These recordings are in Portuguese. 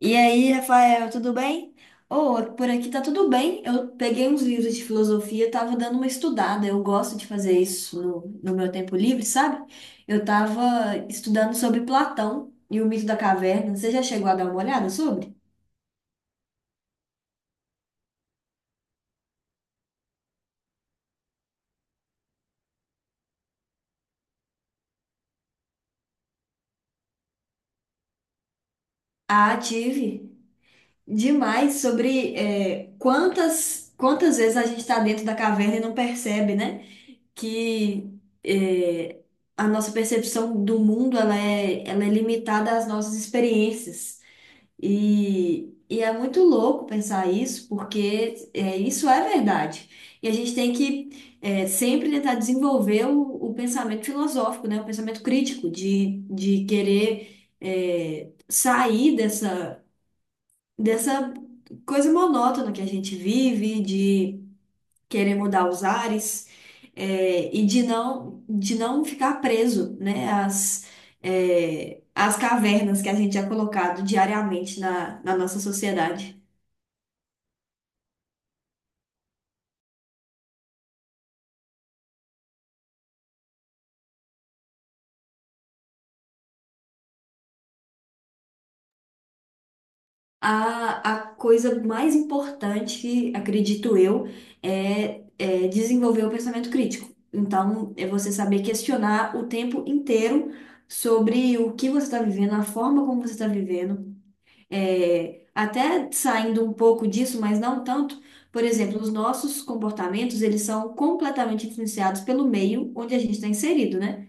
E aí, Rafael, tudo bem? Oh, por aqui tá tudo bem. Eu peguei uns livros de filosofia, tava dando uma estudada. Eu gosto de fazer isso no meu tempo livre, sabe? Eu tava estudando sobre Platão e o mito da caverna. Você já chegou a dar uma olhada sobre? Ah, tive demais sobre quantas vezes a gente está dentro da caverna e não percebe, né? Que é, a nossa percepção do mundo ela é limitada às nossas experiências. E é muito louco pensar isso, porque isso é verdade. E a gente tem que sempre tentar desenvolver o pensamento filosófico, né? O pensamento crítico, de querer sair dessa coisa monótona que a gente vive, querer mudar os ares e de não ficar preso, né, às cavernas que a gente é colocado diariamente na nossa sociedade. A coisa mais importante, que acredito eu, é desenvolver o pensamento crítico. Então, é você saber questionar o tempo inteiro sobre o que você está vivendo, a forma como você está vivendo. É, até saindo um pouco disso, mas não tanto, por exemplo, os nossos comportamentos, eles são completamente influenciados pelo meio onde a gente está inserido, né?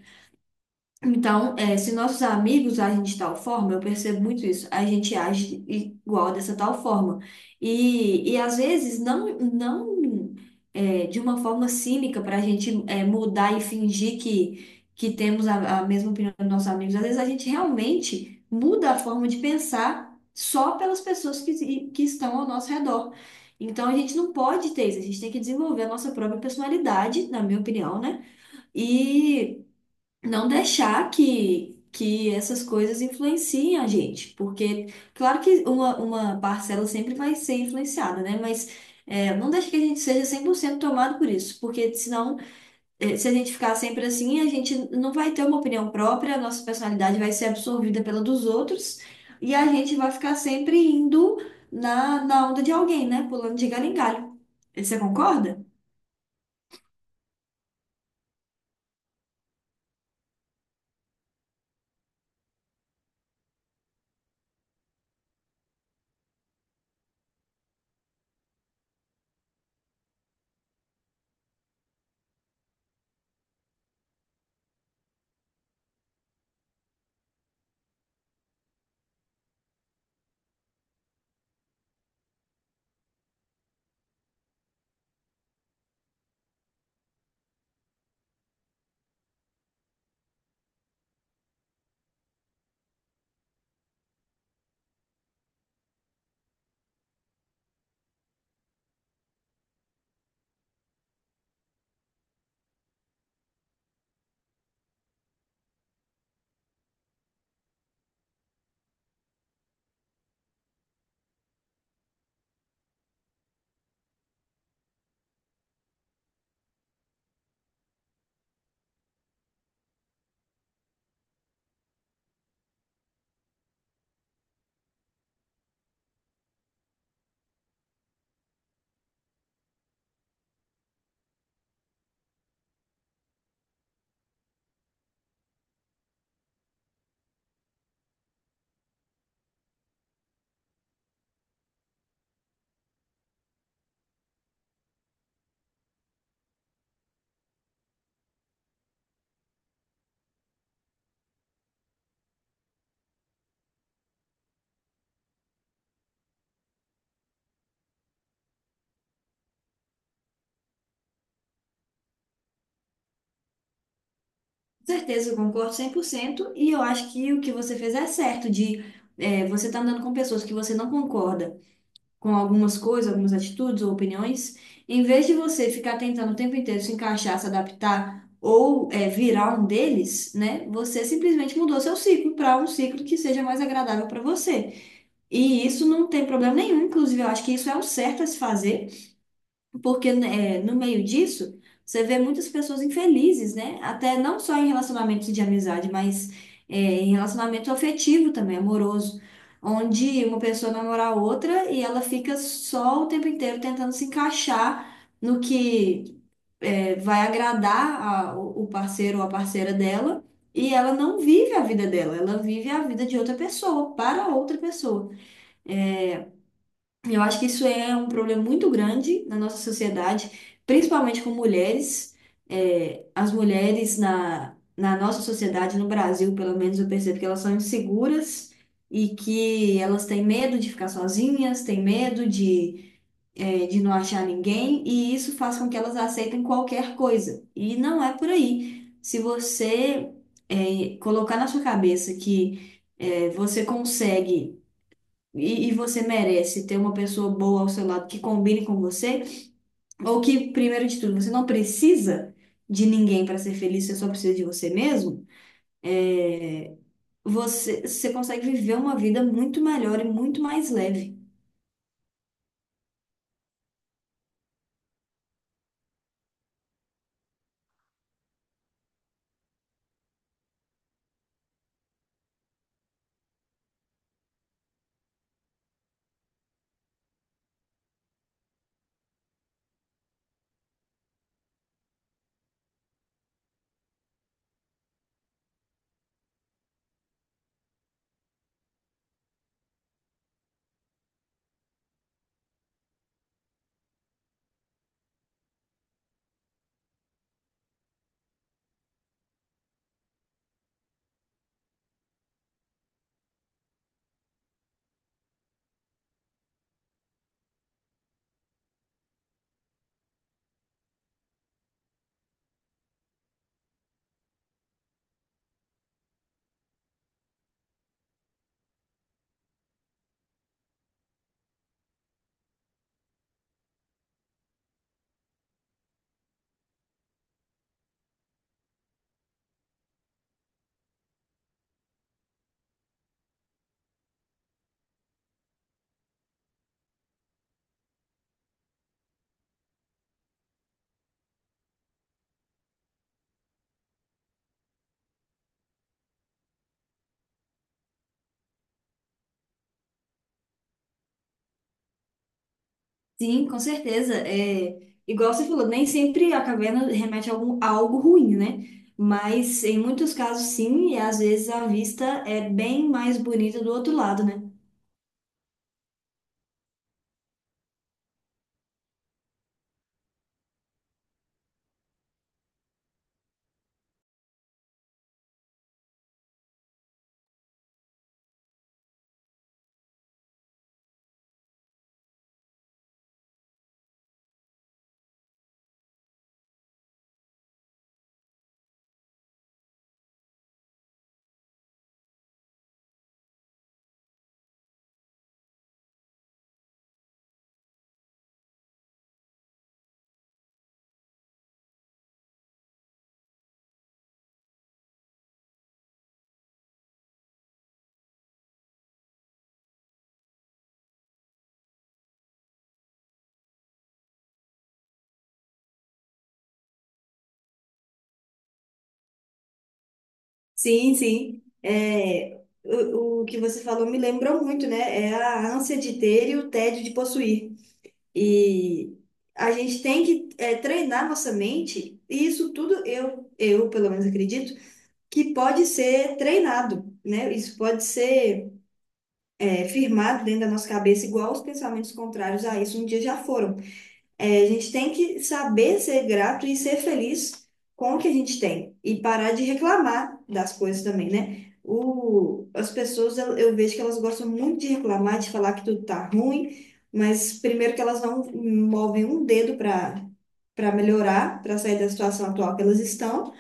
Então, se nossos amigos agem de tal forma, eu percebo muito isso, a gente age igual dessa tal forma. E às vezes não, não, de uma forma cínica para a gente mudar e fingir que temos a mesma opinião dos nossos amigos. Às vezes a gente realmente muda a forma de pensar só pelas pessoas que estão ao nosso redor. Então a gente não pode ter isso, a gente tem que desenvolver a nossa própria personalidade, na minha opinião, né? E não deixar que essas coisas influenciem a gente, porque, claro que uma parcela sempre vai ser influenciada, né? Mas não deixa que a gente seja 100% tomado por isso, porque senão, se a gente ficar sempre assim, a gente não vai ter uma opinião própria, a nossa personalidade vai ser absorvida pela dos outros, e a gente vai ficar sempre indo na onda de alguém, né? Pulando de galho em galho. Você concorda? Com certeza, eu concordo 100%. E eu acho que o que você fez é certo, de você estar andando com pessoas que você não concorda com algumas coisas, algumas atitudes ou opiniões, em vez de você ficar tentando o tempo inteiro se encaixar, se adaptar ou virar um deles, né? Você simplesmente mudou seu ciclo para um ciclo que seja mais agradável para você. E isso não tem problema nenhum, inclusive eu acho que isso é o certo a se fazer. Porque né, no meio disso, você vê muitas pessoas infelizes, né? Até não só em relacionamentos de amizade, mas em relacionamento afetivo também, amoroso. Onde uma pessoa namora a outra e ela fica só o tempo inteiro tentando se encaixar no que vai agradar o parceiro ou a parceira dela. E ela não vive a vida dela, ela vive a vida de outra pessoa, para outra pessoa. Eu acho que isso é um problema muito grande na nossa sociedade, principalmente com mulheres. É, as mulheres na nossa sociedade, no Brasil, pelo menos, eu percebo que elas são inseguras e que elas têm medo de ficar sozinhas, têm medo de não achar ninguém, e isso faz com que elas aceitem qualquer coisa. E não é por aí. Se você, colocar na sua cabeça que, você consegue e você merece ter uma pessoa boa ao seu lado que combine com você, ou que, primeiro de tudo, você não precisa de ninguém para ser feliz, você só precisa de você mesmo, é, você consegue viver uma vida muito melhor e muito mais leve. Sim, com certeza. É, igual você falou, nem sempre a caverna remete a, algum, a algo ruim, né? Mas em muitos casos, sim, e às vezes a vista é bem mais bonita do outro lado, né? Sim, sim. É, o que você falou me lembrou muito, né? É a ânsia de ter e o tédio de possuir. E a gente tem que treinar nossa mente, e isso tudo eu pelo menos acredito, que pode ser treinado, né? Isso pode ser firmado dentro da nossa cabeça, igual os pensamentos contrários a isso um dia já foram. É, a gente tem que saber ser grato e ser feliz com o que a gente tem e parar de reclamar das coisas também, né? O, as pessoas, eu vejo que elas gostam muito de reclamar, de falar que tudo tá ruim, mas primeiro que elas não movem um dedo para melhorar, para sair da situação atual que elas estão.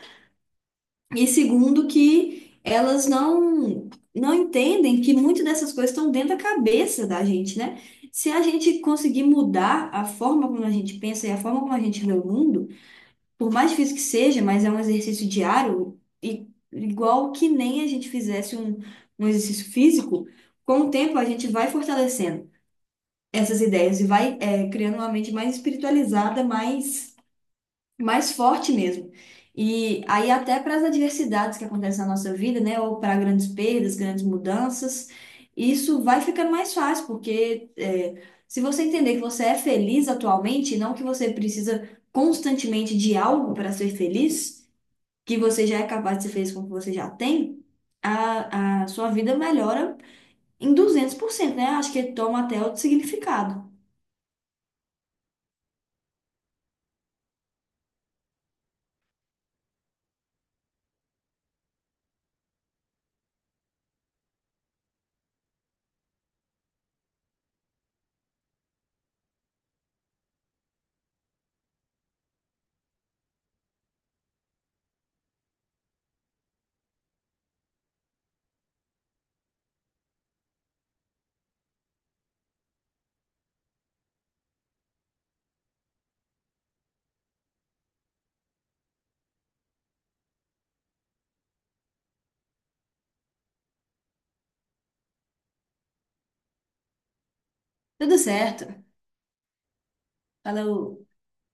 E segundo, que elas não entendem que muitas dessas coisas estão dentro da cabeça da gente, né? Se a gente conseguir mudar a forma como a gente pensa e a forma como a gente vê o mundo, por mais difícil que seja, mas é um exercício diário, e igual que nem a gente fizesse um exercício físico, com o tempo a gente vai fortalecendo essas ideias e vai, criando uma mente mais espiritualizada, mais forte mesmo. E aí até para as adversidades que acontecem na nossa vida, né, ou para grandes perdas, grandes mudanças, isso vai ficando mais fácil, porque se você entender que você é feliz atualmente, e não que você precisa constantemente de algo para ser feliz, que você já é capaz de ser feliz com o que você já tem, a sua vida melhora em 200%, né? Acho que toma até outro significado. Tudo certo. Falou.